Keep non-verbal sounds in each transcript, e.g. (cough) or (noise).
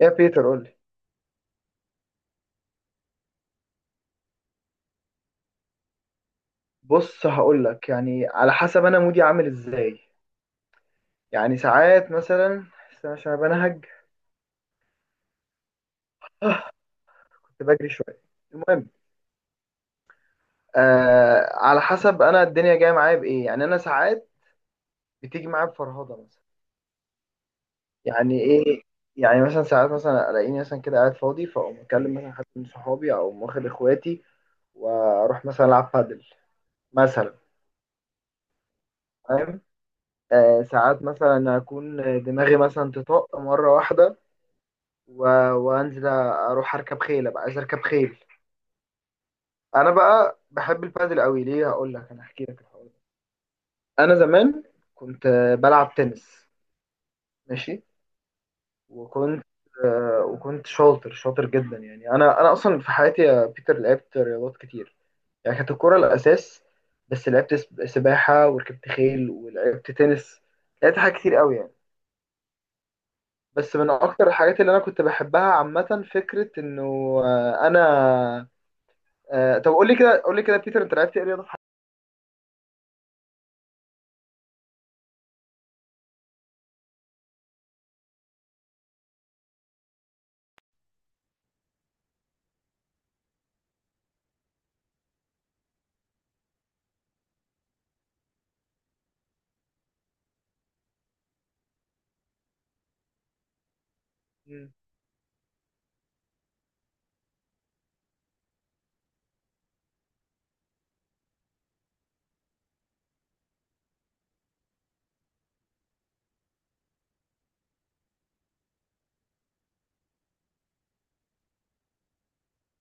يا بيتر، قول لي. بص، هقول لك يعني على حسب انا مودي عامل ازاي. يعني ساعات مثلا، استنى عشان بنهج. كنت بجري شويه. المهم، على حسب انا الدنيا جايه معايا بايه، يعني انا ساعات بتيجي معايا بفرهضه مثلا. يعني ايه؟ يعني مثلا ساعات، مثلا الاقيني مثلا كده قاعد فاضي، فاقوم اكلم مثلا حد من صحابي او واخد اخواتي واروح مثلا العب بادل مثلا. فاهم؟ ساعات مثلا اكون دماغي مثلا تطق مره واحده، و... وانزل اروح اركب خيل، ابقى عايز اركب خيل. انا بقى بحب البادل قوي، ليه؟ هقول لك، انا هحكي لك الحوار ده. انا زمان كنت بلعب تنس. ماشي. وكنت وكنت شاطر شاطر جدا. يعني انا اصلا في حياتي يا بيتر لعبت رياضات كتير. يعني كانت الكوره الاساس، بس لعبت سباحه وركبت خيل ولعبت تنس. لعبت حاجات كتير قوي يعني. بس من اكتر الحاجات اللي انا كنت بحبها عامه فكره انه، آه، انا آه، طب قول لي كده، قول لي كده بيتر، انت لعبت ايه رياضه؟ مم.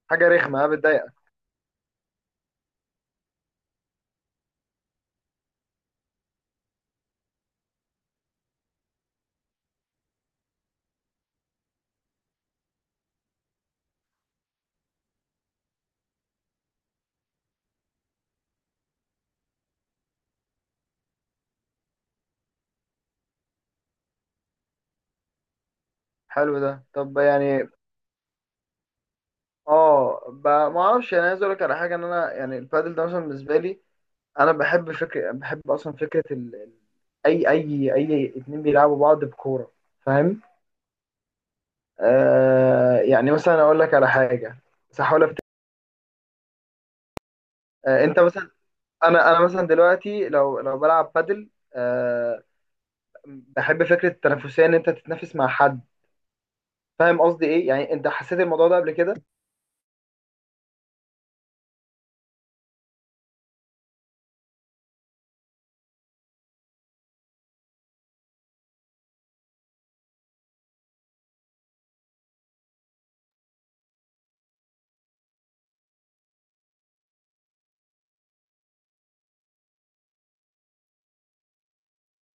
حاجه رخمه بتضايقك؟ حلو ده. طب يعني. اه. ما اعرفش، يعني عايز اقول لك على حاجه، ان انا يعني البادل ده مثلا بالنسبه لي، انا بحب فكره، بحب اصلا فكره اي اتنين بيلعبوا بعض بكوره. فاهم؟ يعني مثلا اقول لك على حاجه. بس هحاول أفت... انت مثلا، انا مثلا دلوقتي لو بلعب بادل، بحب فكره التنافسيه، ان انت تتنافس مع حد. فاهم قصدي ايه؟ يعني انت حسيت الموضوع ده قبل كده؟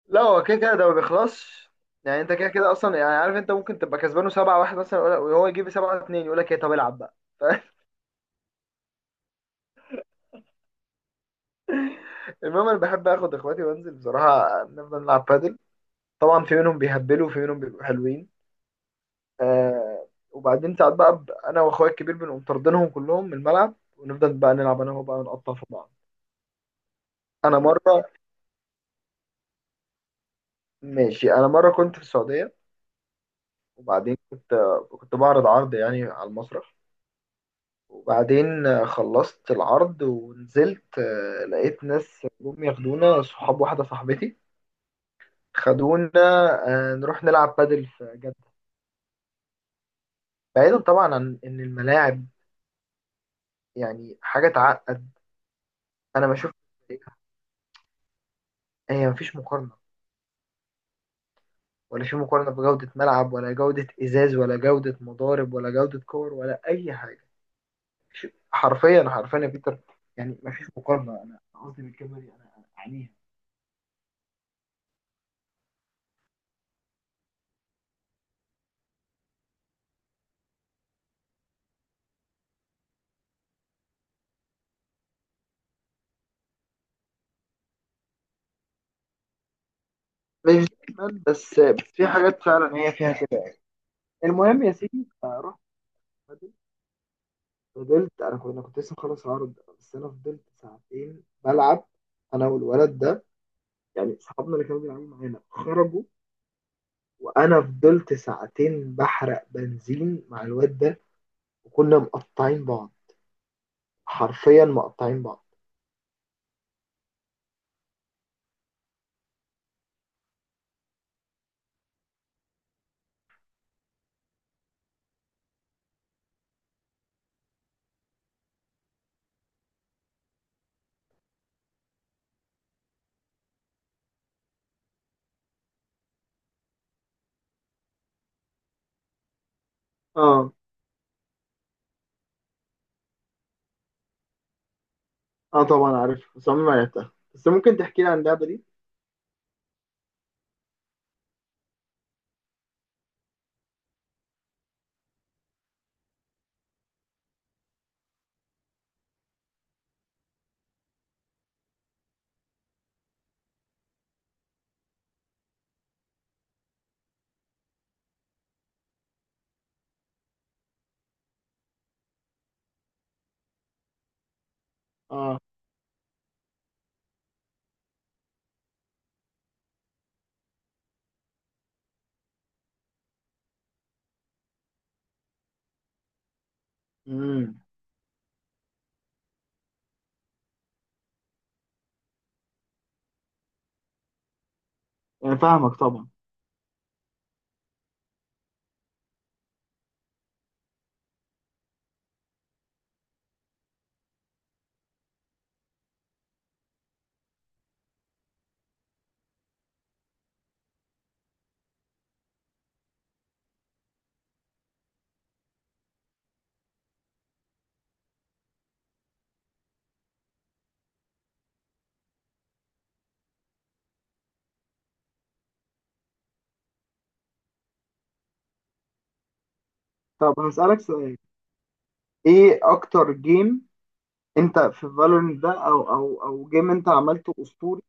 لا، هو كده كده ده ما بيخلصش. يعني انت كده كده اصلا، يعني عارف، انت ممكن تبقى كسبانه 7-1 مثلا وهو يجيب 7-2 يقول لك ايه طب العب بقى. (laughs) المهم، انا بحب اخد اخواتي وانزل بصراحه نفضل نلعب بادل. طبعا في منهم بيهبلوا وفي منهم بيبقوا حلوين. وبعدين ساعات بقى، انا واخويا الكبير بنقوم طاردينهم كلهم من الملعب ونفضل بقى نلعب انا وهو بقى، نقطع في بعض. انا مره ماشي. انا مره كنت في السعوديه، وبعدين كنت بعرض عرض يعني على المسرح، وبعدين خلصت العرض ونزلت، لقيت ناس جم ياخدونا، صحاب واحدة صاحبتي خدونا نروح نلعب بادل في جدة. بعيدا طبعا عن إن الملاعب يعني حاجة تعقد. أنا بشوف هي مفيش مقارنة، ولا في مقارنة بجودة ملعب ولا جودة إزاز ولا جودة مضارب ولا جودة كور ولا أي حاجة. حرفيا حرفيا يا بيتر، يعني مفيش مقارنة. أنا قصدي بالكلمة دي، أنا أعنيها. مش دايما، بس في حاجات فعلا هي فيها كده. المهم يا سيدي، فرحت بدل. فضلت، انا كنت أنا كنت لسه مخلص العرض، بس انا فضلت ساعتين بلعب، انا والولد ده. يعني صحابنا اللي كانوا بيلعبوا معانا خرجوا، وانا فضلت ساعتين بحرق بنزين مع الواد ده. وكنا مقطعين بعض، حرفيا مقطعين بعض. اه. اه، طبعا عارف، بس عمري ما لعبتها. بس ممكن تحكي لي عن اللعبة دي؟ اه. امم يعني فاهمك طبعا. طب هسألك سؤال، ايه اكتر جيم انت في فالورنت ده، او جيم انت عملته اسطوري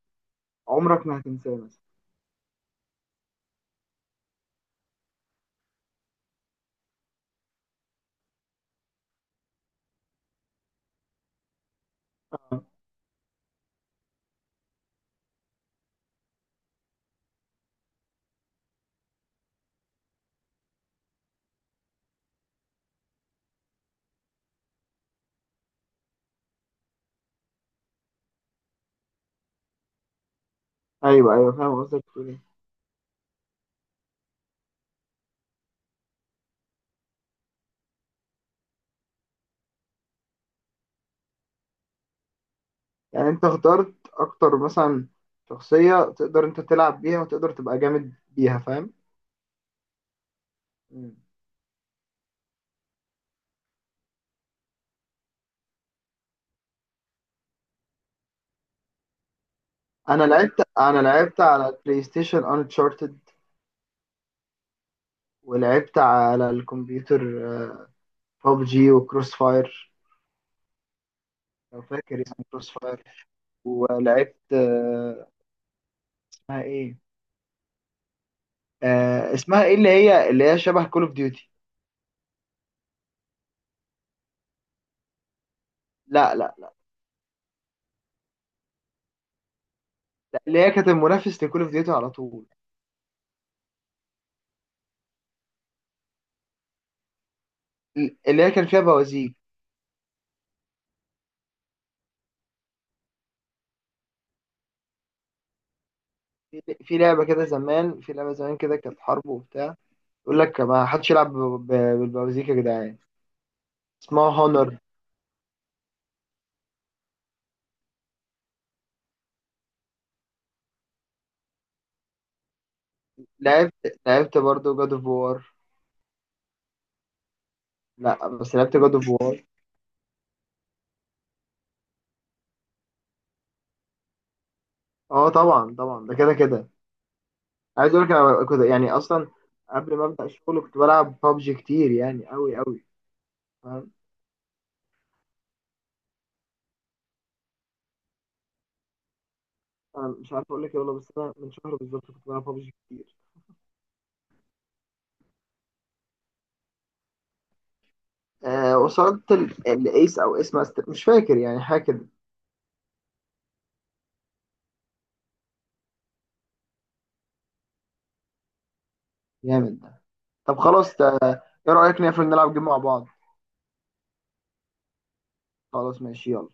عمرك ما هتنساه مثلا؟ ايوه، ايوه، فاهم قصدك تقول ايه. يعني انت اخترت اكتر مثلا شخصيه تقدر انت تلعب بيها وتقدر تبقى جامد بيها. فاهم. مم. انا لعبت على بلاي ستيشن انشارتد، ولعبت على الكمبيوتر ببجي وكروس فاير، لو فاكر اسمه كروس فاير. ولعبت اسمها ايه اسمها ايه، اللي هي شبه كول اوف ديوتي. لا لا لا. لا، اللي هي كانت المنافس لكول اوف ديوتي على طول. اللي هي كان فيها بوازيك. في لعبة زمان كده كانت حرب وبتاع. يقول لك ما حدش يلعب بالبوازيك يا جدعان. اسمها هونر. لعبت لعبت برضه جاد اوف وار. لا بس لعبت جاد اوف وار. اه طبعا طبعا، ده كده كده. عايز اقول لك، انا كنت يعني اصلا قبل ما ابدا الشغل كنت بلعب بابجي كتير، يعني قوي قوي. فاهم. انا مش عارف اقول لك ايه والله، بس انا من شهر بالظبط كنت بلعب بابجي كتير. آه، وصلت الايس او ايس ماستر، مش فاكر يعني، حاجه كده. جامد ده. طب خلاص، ده ايه رايك نقفل نلعب جيم مع بعض؟ خلاص ماشي، يلا.